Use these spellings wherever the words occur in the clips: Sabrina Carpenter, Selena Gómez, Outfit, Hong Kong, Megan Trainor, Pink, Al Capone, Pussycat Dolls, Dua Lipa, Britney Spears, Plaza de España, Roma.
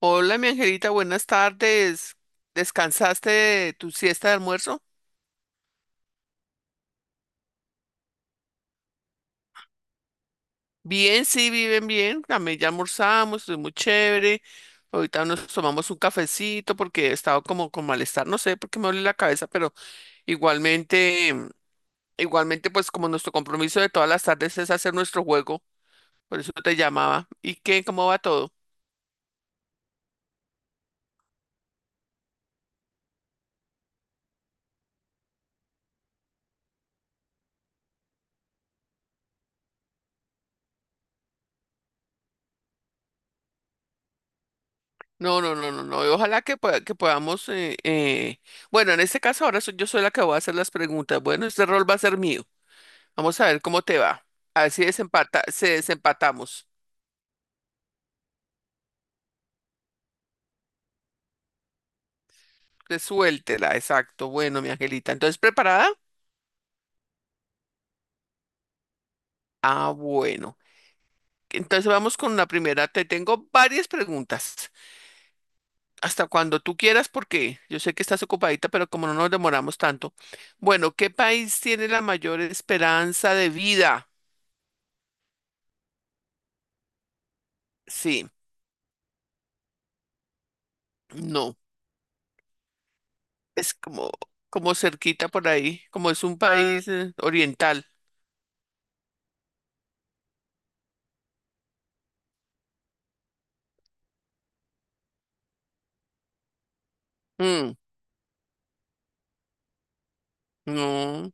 Hola, mi angelita, buenas tardes. ¿Descansaste de tu siesta de almuerzo? Bien, sí, viven bien. También ya almorzamos, estoy muy chévere. Ahorita nos tomamos un cafecito porque he estado como con malestar, no sé por qué me duele la cabeza, pero igualmente, mm, igualmente, pues como nuestro compromiso de todas las tardes es hacer nuestro juego, por eso te llamaba. ¿Y qué? ¿Cómo va todo? No, no, no, no, no. Y ojalá que podamos, bueno, en este caso ahora yo soy la que voy a hacer las preguntas. Bueno, este rol va a ser mío. Vamos a ver cómo te va. A ver si se desempatamos. Resuéltela, exacto. Bueno, mi angelita. Entonces, ¿preparada? Ah, bueno. Entonces vamos con la primera. Te tengo varias preguntas. Hasta cuando tú quieras, porque yo sé que estás ocupadita, pero como no nos demoramos tanto. Bueno, ¿qué país tiene la mayor esperanza de vida? Sí, no. Es como cerquita por ahí, como es un país oriental. Mm, no.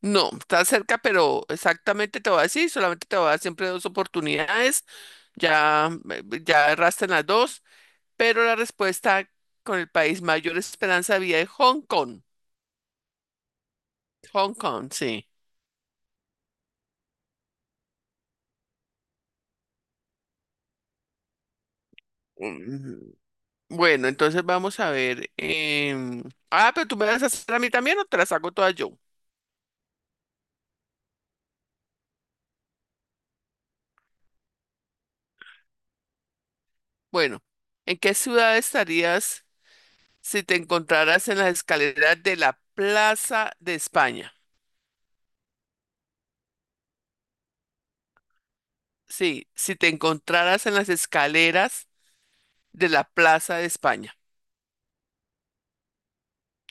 No, está cerca, pero exactamente te voy a decir, solamente te voy a dar siempre dos oportunidades, ya erraste en las dos, pero la respuesta con el país mayor esperanza de vida es Hong Kong. Hong Kong, sí. Mm, Bueno, entonces vamos a ver. Ah, pero tú me vas a hacer a mí también o te las hago todas yo. Bueno, ¿en qué ciudad estarías si te encontraras en las escaleras de la Plaza de España? Sí, si te encontraras en las escaleras de la Plaza de España.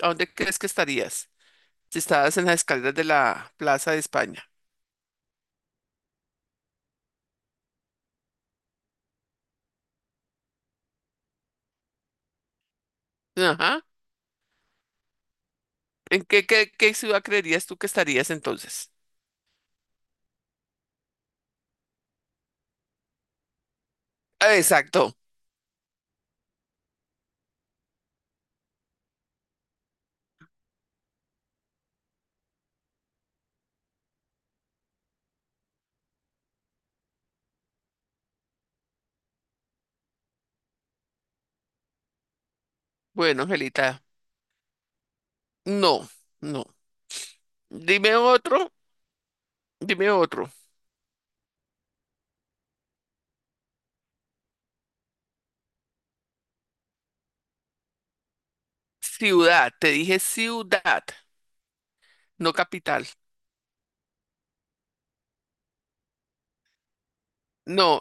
¿A dónde crees que estarías? Si estabas en las escaleras de la Plaza de España. Ajá. ¿En qué ciudad creerías tú que estarías entonces? Ah, exacto. Bueno, Angelita, no, no. Dime otro, dime otro. Ciudad, te dije ciudad, no capital. No,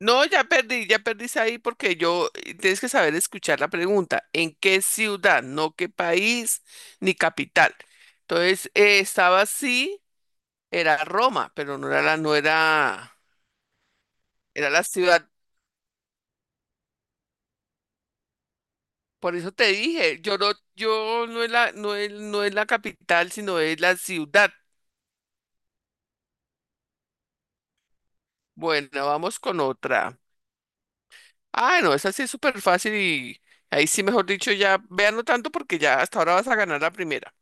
no, ya perdí, ya perdís ahí porque yo tienes que saber escuchar la pregunta. ¿En qué ciudad? No qué país ni capital. Entonces, estaba así era Roma, pero no era la, no era, era la ciudad. Por eso te dije, yo no, yo no es la, no es, no es la capital, sino es la ciudad. Bueno, vamos con otra. Ah, no, esa sí es súper fácil y ahí sí, mejor dicho, ya véanlo tanto porque ya hasta ahora vas a ganar la primera.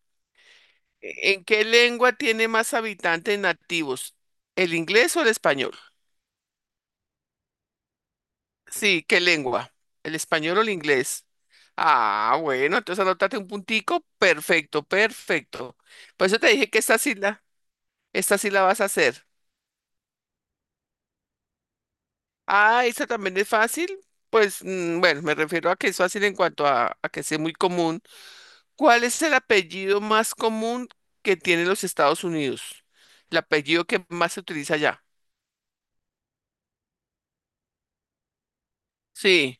¿En qué lengua tiene más habitantes nativos? ¿El inglés o el español? Sí, ¿qué lengua? ¿El español o el inglés? Ah, bueno, entonces anótate un puntico. Perfecto, perfecto. Por eso te dije que esta sí la vas a hacer. Ah, esta también es fácil. Pues bueno, me refiero a que es fácil en cuanto a que sea muy común. ¿Cuál es el apellido más común que tienen los Estados Unidos? El apellido que más se utiliza allá. Sí,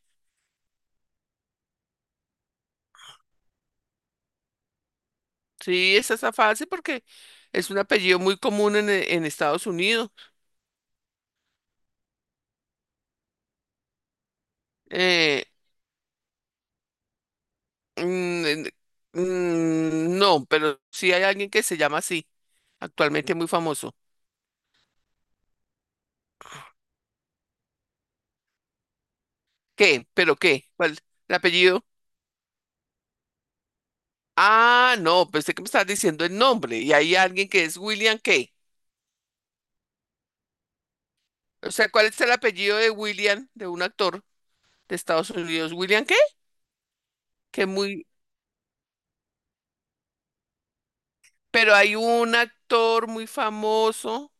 sí, esta está fácil porque es un apellido muy común en Estados Unidos. Eh, Mm, mm, no, pero sí hay alguien que se llama así, actualmente muy famoso. ¿Qué? ¿Pero qué? ¿Cuál? ¿El apellido? Ah, no, pensé que me estabas diciendo el nombre. Y hay alguien que es William qué. O sea, ¿cuál es el apellido de William, de un actor de Estados Unidos? ¿William qué? Que muy. Pero hay un actor muy famoso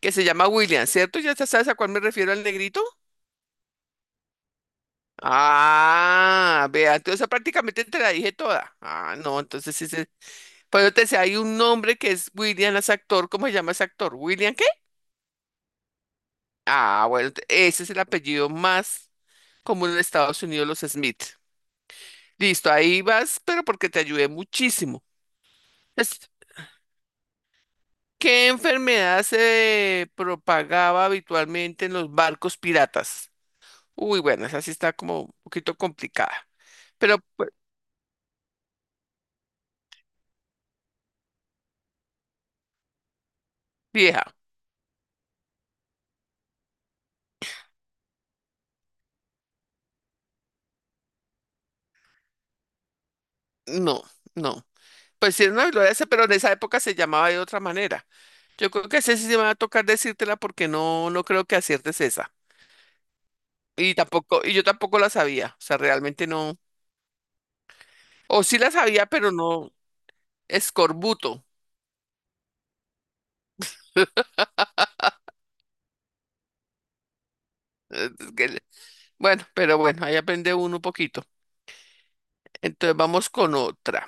que se llama William, ¿cierto? ¿Ya te sabes a cuál me refiero al negrito? Ah, vea, entonces prácticamente te la dije toda. Ah, no, entonces sí, sí. Pero te decía, hay un nombre que es William, es actor. ¿Cómo se llama ese actor? ¿William qué? Ah, bueno, ese es el apellido más común en Estados Unidos, los Smith. Listo, ahí vas, pero porque te ayudé muchísimo. Entonces, ¿qué enfermedad se propagaba habitualmente en los barcos piratas? Uy, bueno, esa sí está como un poquito complicada. Pero, pues, vieja, no, no. Pues sí, era una gloria, pero en esa época se llamaba de otra manera. Yo creo que ese sí se me va a tocar decírtela porque no, no creo que aciertes esa. Y tampoco, y yo tampoco la sabía. O sea, realmente no. O sí la sabía, pero no. Escorbuto. Eh, que le- Bueno, pero bueno, ahí aprende uno un poquito. Entonces vamos con otra.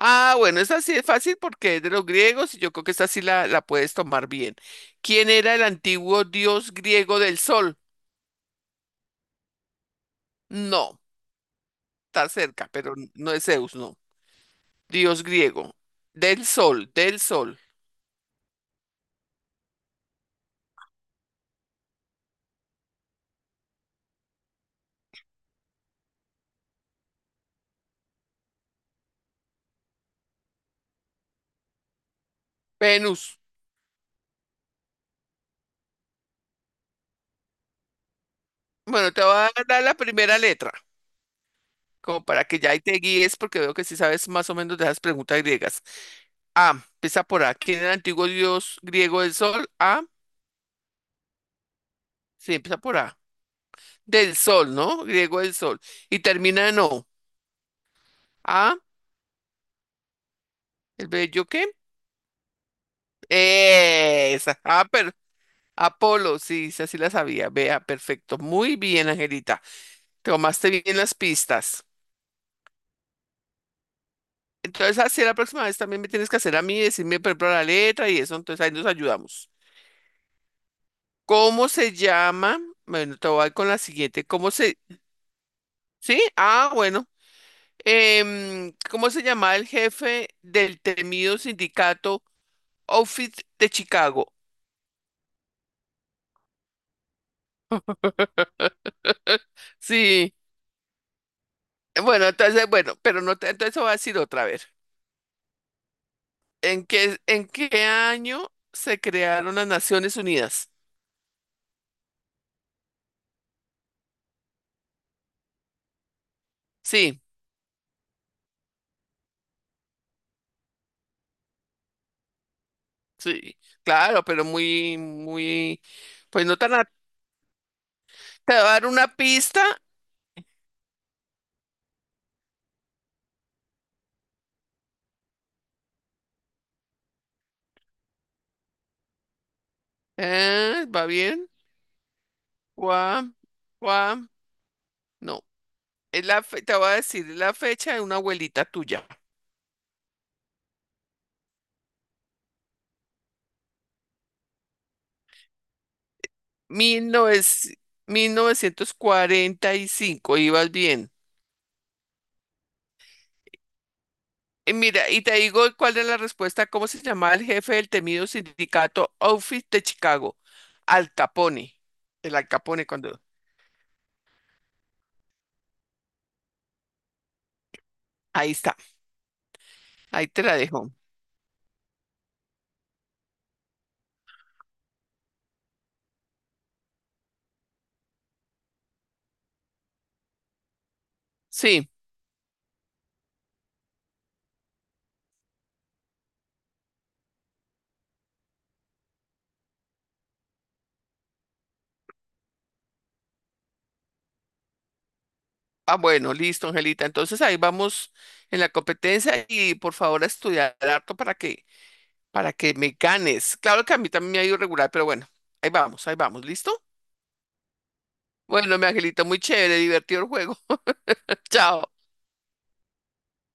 Ah, bueno, esta sí es fácil porque es de los griegos y yo creo que esta sí la puedes tomar bien. ¿Quién era el antiguo dios griego del sol? No, está cerca, pero no es Zeus, no. Dios griego. Del sol, del sol. Venus. Bueno, te voy a dar la primera letra, como para que ya ahí te guíes, porque veo que sí sabes más o menos de esas preguntas griegas. A, empieza por A. ¿Quién era el antiguo dios griego del sol? A, sí, empieza por A. Del sol, ¿no? Griego del sol. Y termina en O. A, ¿el bello qué? Esa. A, pero Apolo, sí, esa sí la sabía. Vea, perfecto. Muy bien, Angelita. Tomaste bien las pistas. Entonces, así la próxima vez también me tienes que hacer a mí, decirme, por ejemplo, la letra y eso. Entonces, ahí nos ayudamos. ¿Cómo se llama? Bueno, te voy con la siguiente. ¿Cómo se? Sí, ah, bueno. ¿Cómo se llamaba el jefe del temido sindicato Outfit de Chicago? Sí, bueno, entonces, bueno, pero no te, entonces voy a decir otra vez. ¿En qué año se crearon las Naciones Unidas? Sí, sí, claro, pero muy, muy, pues no tan. Te voy a dar una pista. Ah, ¿va bien? Guam, guam. No, es la te voy a decir, es la fecha de una abuelita tuya. mil novecientos 1945 ibas bien. Y mira, y te digo cuál es la respuesta, cómo se llamaba el jefe del temido sindicato Outfit de Chicago, Al Capone. El Al Capone cuando. Ahí está, ahí te la dejo. Sí. Ah, bueno, listo, Angelita. Entonces ahí vamos en la competencia y por favor a estudiar harto para que, me ganes. Claro que a mí también me ha ido regular, pero bueno, ahí vamos, ¿listo? Bueno, mi Angelita, muy chévere, divertido el juego. Chao.